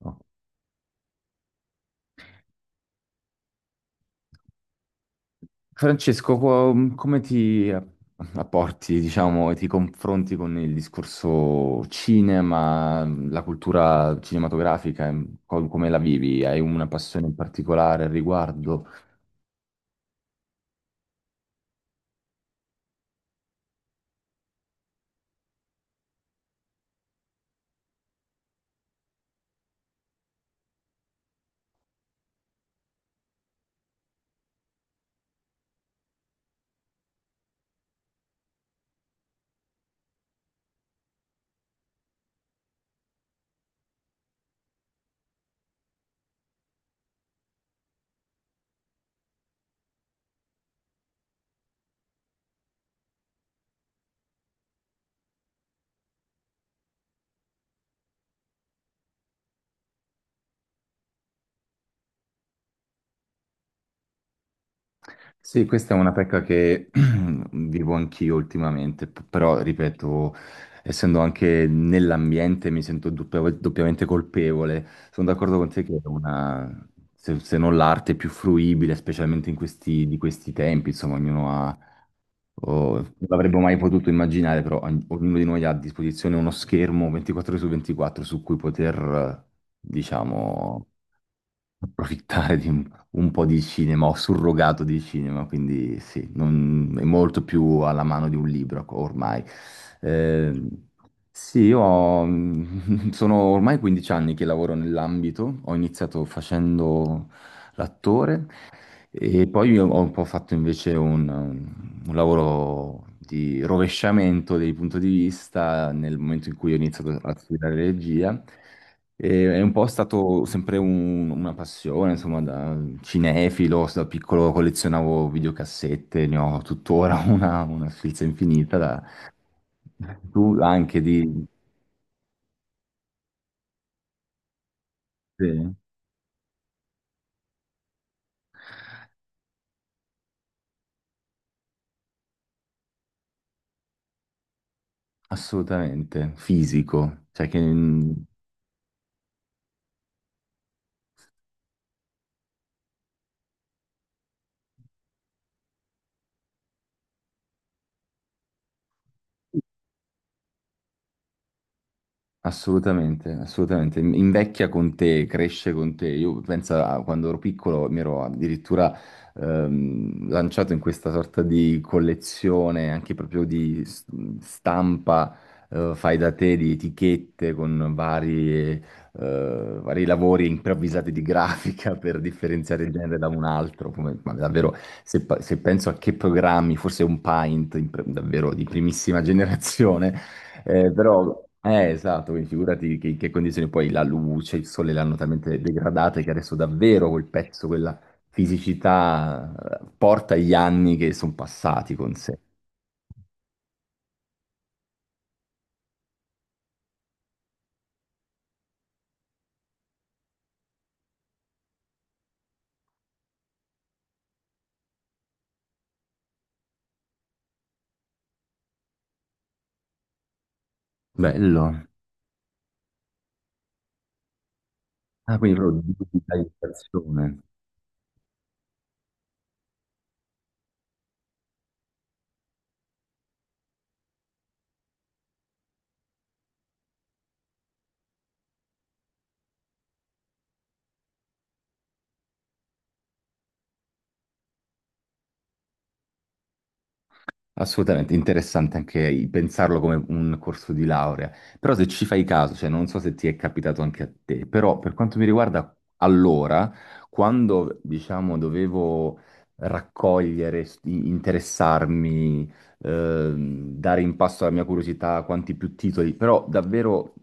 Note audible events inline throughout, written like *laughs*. No. Francesco, come ti apporti, diciamo, e ti confronti con il discorso cinema, la cultura cinematografica, come la vivi? Hai una passione in particolare al riguardo? Sì, questa è una pecca che *clears throat* vivo anch'io ultimamente, però ripeto, essendo anche nell'ambiente mi sento doppiamente colpevole. Sono d'accordo con te che è una, se non l'arte più fruibile, specialmente in questi, di questi tempi, insomma, ognuno ha, non l'avremmo mai potuto immaginare, però ognuno di noi ha a disposizione uno schermo 24 ore su 24 su cui poter, eh, diciamo, approfittare di un po' di cinema, ho surrogato di cinema, quindi sì, è molto più alla mano di un libro ormai. Eh, sì, *laughs* sono ormai 15 anni che lavoro nell'ambito, ho iniziato facendo l'attore e poi io ho un po' fatto invece un lavoro di rovesciamento del punto di vista nel momento in cui ho iniziato a studiare regia. E è un po' stato sempre una passione, insomma, da cinefilo, da piccolo collezionavo videocassette, ne ho tuttora *laughs* una sfilza infinita. Tu anche di... sì, assolutamente, fisico, cioè che... Assolutamente, assolutamente. Invecchia con te, cresce con te. Io penso a quando ero piccolo mi ero addirittura lanciato in questa sorta di collezione anche proprio di stampa fai da te, di etichette con vari lavori improvvisati di grafica *laughs* per differenziare il genere da un altro. Come, ma davvero, se penso a che programmi, forse un Paint in davvero di primissima *laughs* generazione però, esatto, quindi figurati che condizioni, poi la luce, il sole l'hanno talmente degradata che adesso davvero quel pezzo, quella fisicità porta gli anni che sono passati con sé. Bello. Ah, quindi proprio digitalizzazione. Assolutamente, interessante anche pensarlo come un corso di laurea. Però se ci fai caso, cioè non so se ti è capitato anche a te, però per quanto mi riguarda, allora, quando diciamo dovevo raccogliere, interessarmi, dare in passo alla mia curiosità quanti più titoli, però davvero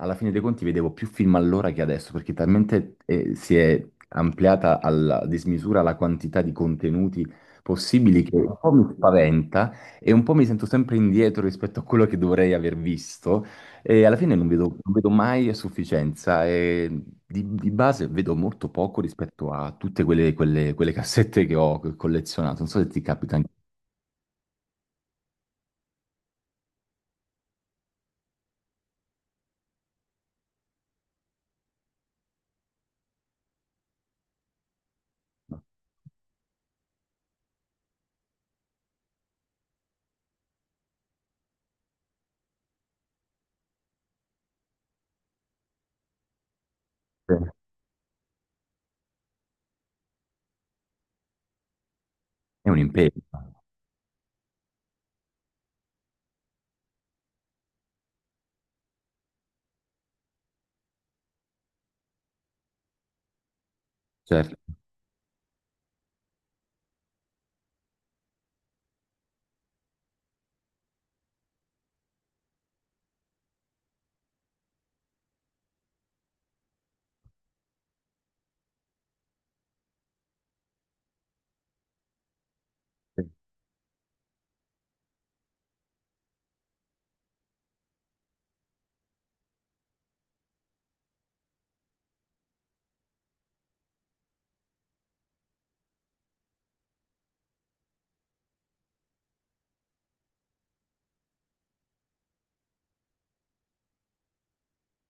alla fine dei conti vedevo più film allora che adesso, perché talmente si è ampliata alla dismisura la quantità di contenuti possibili che un po' mi spaventa e un po' mi sento sempre indietro rispetto a quello che dovrei aver visto e alla fine non vedo mai a sufficienza e di base vedo molto poco rispetto a tutte quelle cassette che ho collezionato. Non so se ti capita anche a te. È un impegno, certo, sì,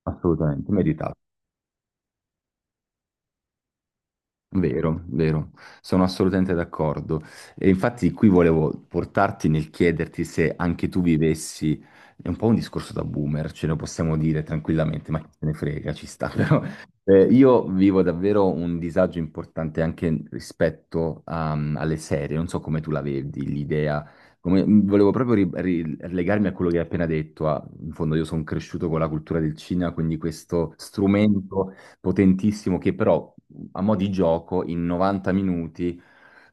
assolutamente, meritato. Vero, vero, sono assolutamente d'accordo. E infatti qui volevo portarti nel chiederti se anche tu vivessi, è un po' un discorso da boomer, ce lo possiamo dire tranquillamente, ma chi se ne frega, ci sta, *laughs* però io vivo davvero un disagio importante anche rispetto alle serie, non so come tu la vedi, l'idea, volevo proprio legarmi a potentissimo che però a mo' di gioco in 90 minuti,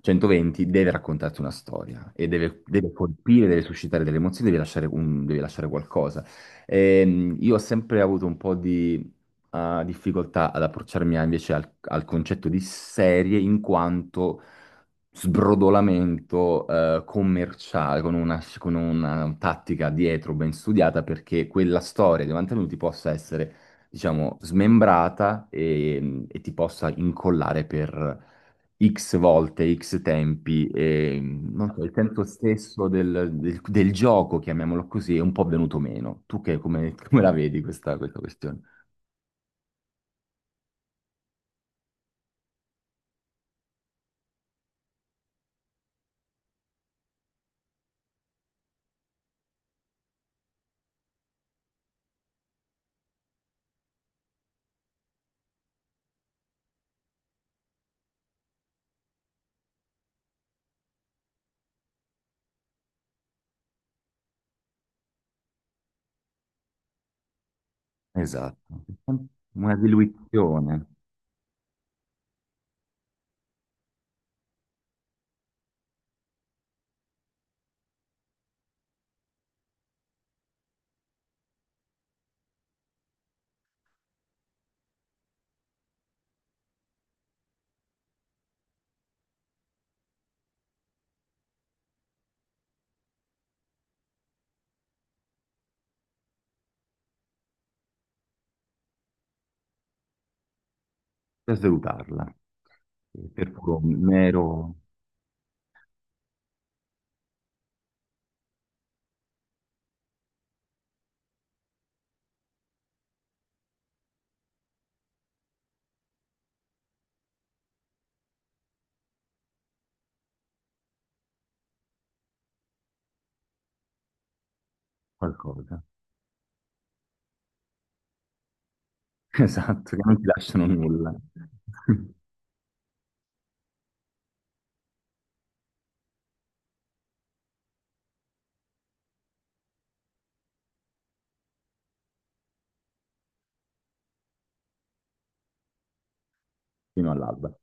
120, deve raccontarti una storia e deve colpire, deve suscitare delle emozioni, deve lasciare, deve lasciare qualcosa. Io ho sempre avuto un po' di difficoltà ad approcciarmi invece al concetto di serie in quanto sbrodolamento commerciale, con una tattica dietro ben studiata perché quella storia di mantenuti possa essere, diciamo, smembrata e ti possa incollare per X volte, X tempi e non so, il senso stesso del gioco, chiamiamolo così, è un po' venuto meno. Tu *laughs* come la vedi questa questione? Esatto, una diluizione. Per salutarla, per puro mero qualcosa. *laughs* Esatto, che non ti lasciano nulla *laughs* fino all'alba.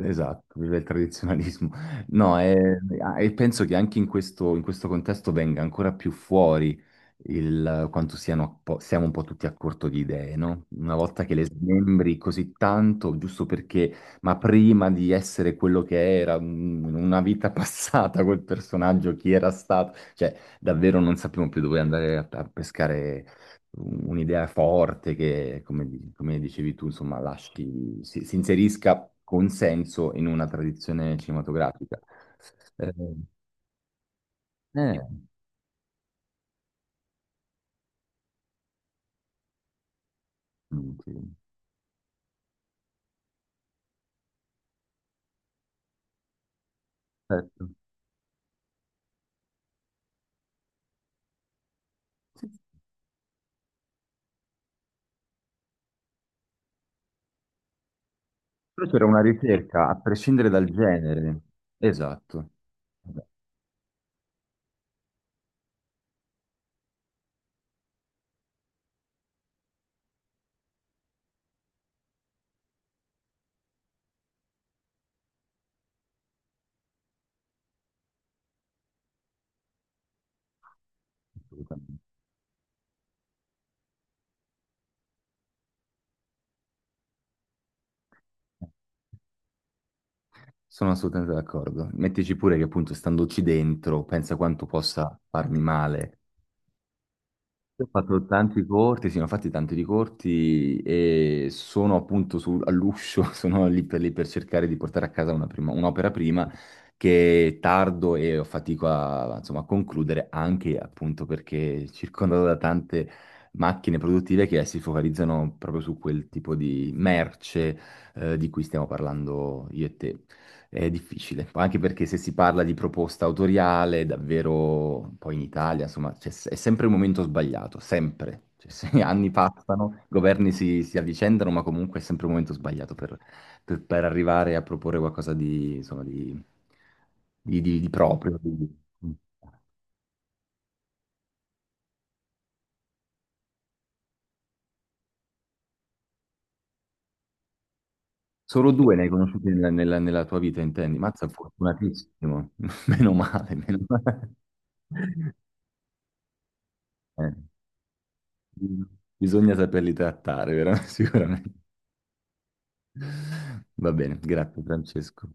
Esatto, vive il tradizionalismo. No, e penso che anche in questo contesto venga ancora più fuori il quanto siano, siamo un po' tutti a corto di idee, no? Una volta che le smembri così tanto, giusto perché, ma prima di essere quello che era, in una vita *laughs* passata, quel personaggio, chi era stato, cioè davvero non sappiamo più dove andare a pescare un'idea forte che, come, come dicevi tu, insomma, lasci, si inserisca con senso in una tradizione cinematografica. Eh, eh, mm, sì, certo. Sì, sì, però c'era una ricerca, a prescindere dal genere. Esatto. Vabbè, assolutamente. Sono assolutamente d'accordo. Mettici pure che appunto, standoci dentro, pensa quanto possa farmi male. Io ho fatto tanti corti, sì, ne ho fatti tanti di corti e sono appunto all'uscio, *laughs* sono lì per cercare di portare a casa una un'opera prima che tardo e ho fatico a, insomma, a concludere anche appunto perché circondato da tante macchine produttive che si focalizzano proprio su quel tipo di merce di cui stiamo parlando io e te. È difficile, poi anche perché se si parla di proposta autoriale, davvero poi in Italia, insomma, è sempre il momento sbagliato, sempre. Cioè, se *laughs* anni passano, governi si avvicendano, ma comunque è sempre il momento sbagliato per arrivare a proporre qualcosa di, insomma, di proprio. Solo due ne hai conosciuti nella tua vita, intendi? Mazza, fortunatissimo. *laughs* Meno male, meno male. *laughs* Eh, bisogna saperli trattare, veramente, *laughs* sicuramente. Va bene, grazie Francesco.